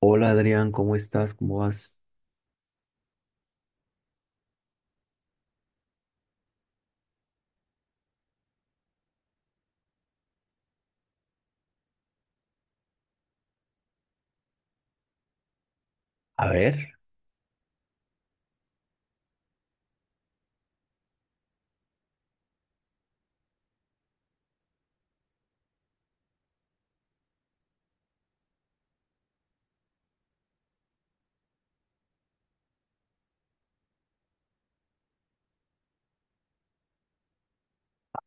Hola Adrián, ¿cómo estás? ¿Cómo vas? A ver.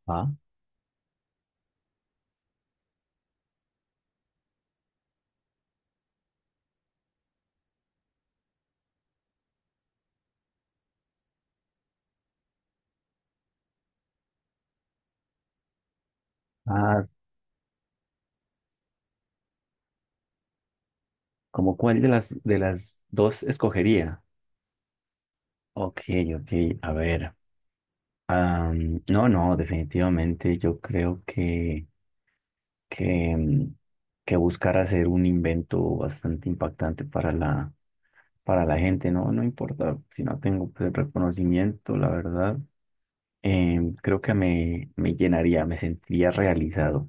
ah, Ah, ¿Cómo cuál de las dos escogería? Ok, ok, a ver. No, no, definitivamente yo creo que que buscar hacer un invento bastante impactante para para la gente. No, no importa si no tengo, pues, el reconocimiento. La verdad, creo que me llenaría, me sentiría realizado.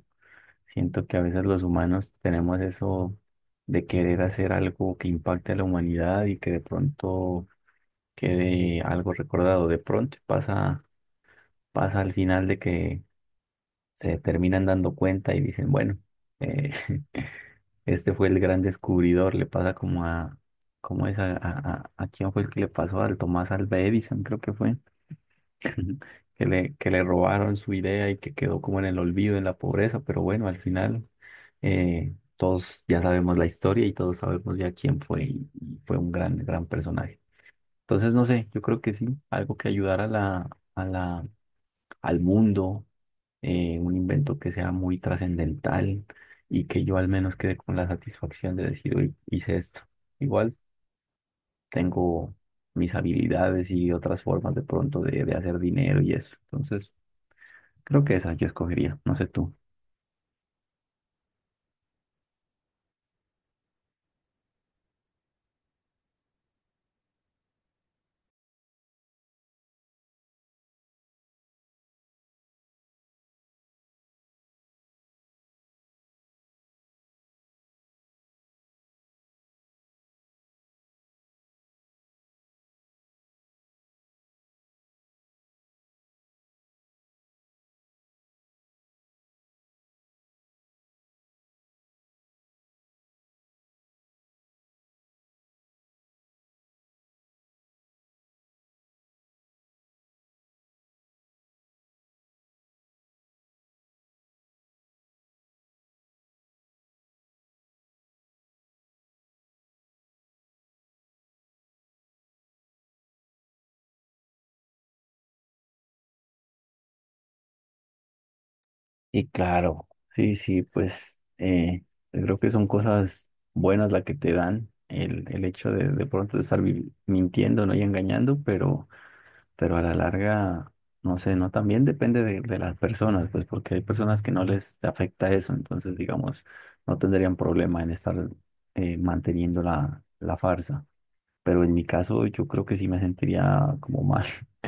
Siento que a veces los humanos tenemos eso de querer hacer algo que impacte a la humanidad y que de pronto quede algo recordado. De pronto pasa al final de que se terminan dando cuenta y dicen, bueno, eh, este fue el gran descubridor. Le pasa como a, ¿cómo es? ¿A quién fue el que le pasó? Al Tomás Alva Edison, creo que fue. Ujú. Que le robaron su idea y que quedó como en el olvido, en la pobreza, pero bueno, al final todos ya sabemos la historia y todos sabemos ya quién fue y fue un gran, gran personaje. Entonces, no sé, yo creo que sí, algo que ayudara a a la, al mundo, un invento que sea muy trascendental y que yo al menos quede con la satisfacción de decir, hoy hice esto. Igual tengo mis habilidades y otras formas de pronto de hacer dinero y eso. Entonces, creo que esa yo escogería, no sé tú. Y claro, sí, sí, pues yo creo que son cosas buenas las que te dan el hecho de pronto estar mintiendo, ¿no?, y engañando, pero a la larga, no sé, ¿no? También depende de las personas, pues porque hay personas que no les afecta eso. Entonces, digamos, no tendrían problema en estar manteniendo la farsa. Pero en mi caso, yo creo que sí me sentiría como mal.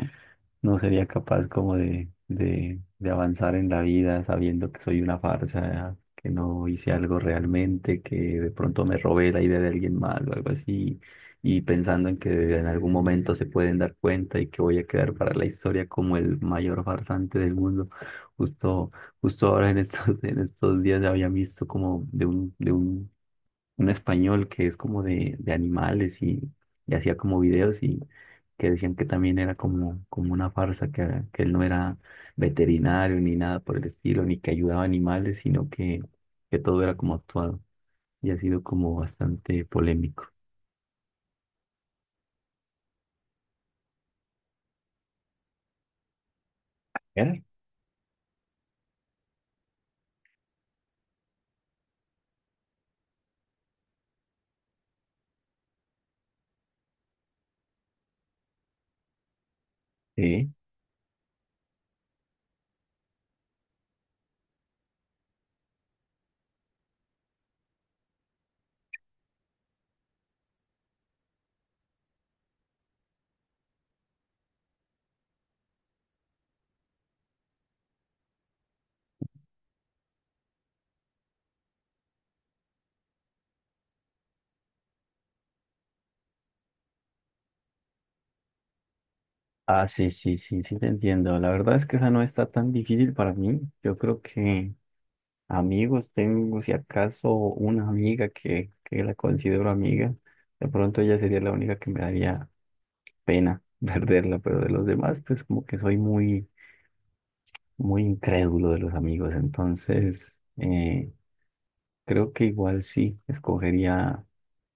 No sería capaz como de avanzar en la vida sabiendo que soy una farsa, que no hice algo realmente, que de pronto me robé la idea de alguien más o algo así, y pensando en que en algún momento se pueden dar cuenta y que voy a quedar para la historia como el mayor farsante del mundo. Justo, Justo ahora en estos, en estos días había visto como de un un español que es como de animales, y hacía como videos, y que decían que también era como, como una farsa, que, ah, que él no era veterinario ni nada por el estilo, ni que ayudaba a animales, sino que todo era como actuado y ha sido como bastante polémico. ¿Era? Sí. Ah, sí, sí, sí, sí, te entiendo. La verdad es que esa no está tan difícil para mí. Yo creo que amigos tengo, si acaso, una amiga que la considero amiga. De pronto ella sería la única que me daría pena perderla, pero de los demás, pues como que soy muy, muy incrédulo de los amigos. Entonces, creo que igual sí,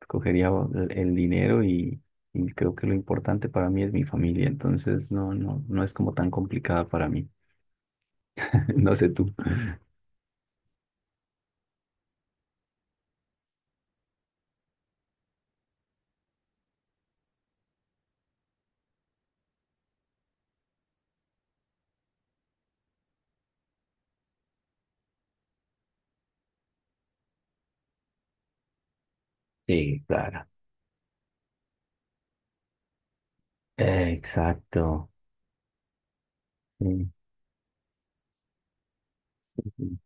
escogería el dinero, y creo que lo importante para mí es mi familia. Entonces, no, no, no es como tan complicada para mí. No sé tú. Sí, claro. Exacto. Sí, sí, sí.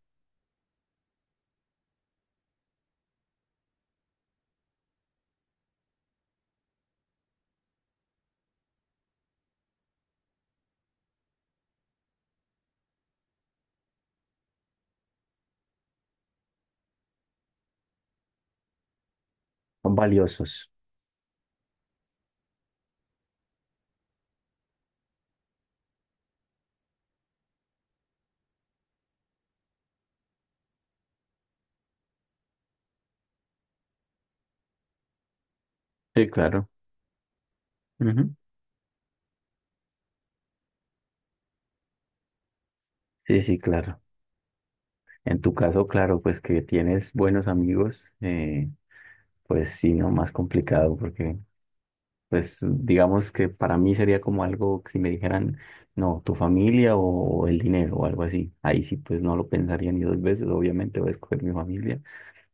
Son valiosos. Sí, claro. Ujú. Sí, sí, claro. En tu caso, claro, pues que tienes buenos amigos, pues sí, no, más complicado porque, pues digamos que para mí sería como algo que si me dijeran, no, tu familia o el dinero o algo así. Ahí sí, pues no lo pensaría ni dos veces, obviamente voy a escoger mi familia.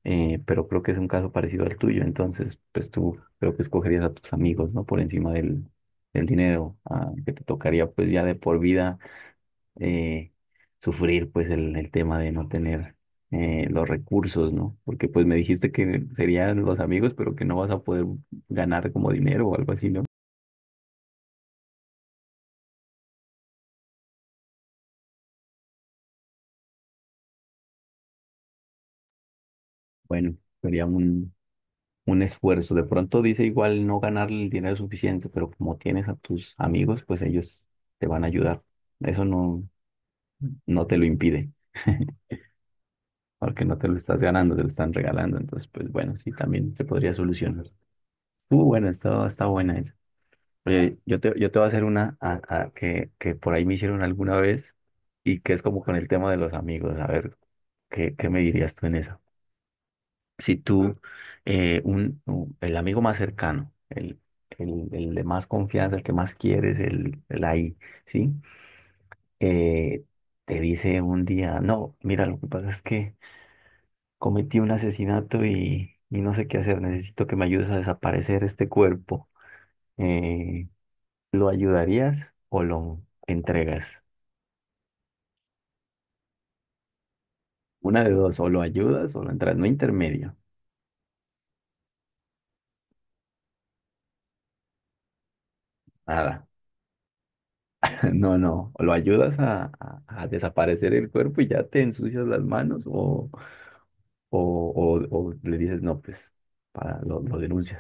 Pero creo que es un caso parecido al tuyo. Entonces, pues tú creo que escogerías a tus amigos, ¿no?, por encima del dinero, ah, que te tocaría pues ya de por vida eh, sufrir pues el tema de no tener los recursos, ¿no? Porque pues me dijiste que serían los amigos, pero que no vas a poder ganar como dinero o algo así, ¿no? Bueno, sería un esfuerzo. De pronto dice igual no ganar el dinero suficiente, pero como tienes a tus amigos, pues ellos te van a ayudar. Eso no te lo impide, porque no te lo estás ganando, te lo están regalando. Entonces, pues bueno, sí, también se podría solucionar. Estuvo bueno, está buena esa. Oye, yo te voy a hacer una que por ahí me hicieron alguna vez y que es como con el tema de los amigos. A ver, ¿qué me dirías tú en eso? Si tú, el amigo más cercano, el de más confianza, el que más quieres, el ahí, ¿sí? Eh, te dice un día, no, mira, lo que pasa es que cometí un asesinato, y no sé qué hacer, necesito que me ayudes a desaparecer este cuerpo. Eh, ¿Lo ayudarías o lo entregas? Una de dos, o lo ayudas o lo entregas, no intermedio, nada. No, no, o lo ayudas a desaparecer el cuerpo y ya te ensucias las manos, o, o le dices, no, pues, para, lo denuncias.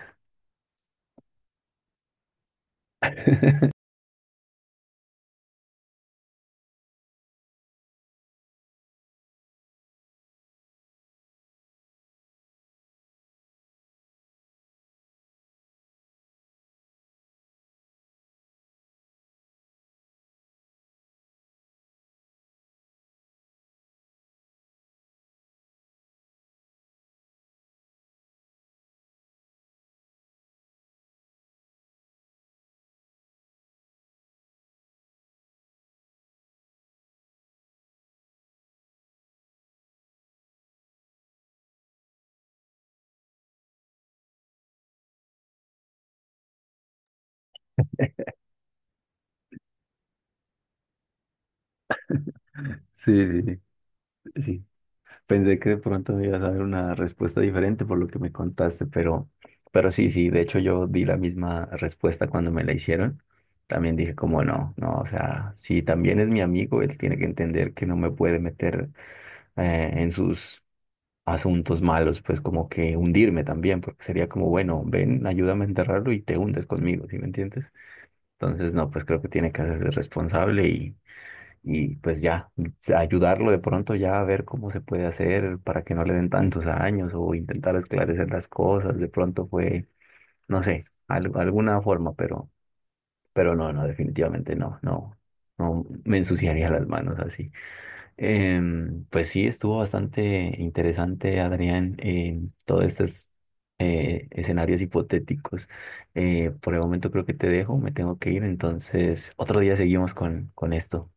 Sí, sí, sí, sí. Pensé que de pronto me ibas a dar una respuesta diferente por lo que me contaste, pero sí, sí, de hecho yo di la misma respuesta cuando me la hicieron. También dije como no, no, o sea, si también es mi amigo, él tiene que entender que no me puede meter en sus asuntos malos, pues como que hundirme también, porque sería como, bueno, ven, ayúdame a enterrarlo y te hundes conmigo, ¿sí me entiendes? Entonces, no, pues creo que tiene que hacerse responsable y pues ya ayudarlo de pronto ya a ver cómo se puede hacer para que no le den tantos años, o intentar esclarecer las cosas, de pronto fue, no sé, alguna forma, pero no, no, definitivamente no, no, no me ensuciaría las manos así. Pues sí, estuvo bastante interesante, Adrián. Todos estos escenarios hipotéticos. Por el momento creo que te dejo, me tengo que ir. Entonces otro día seguimos con esto.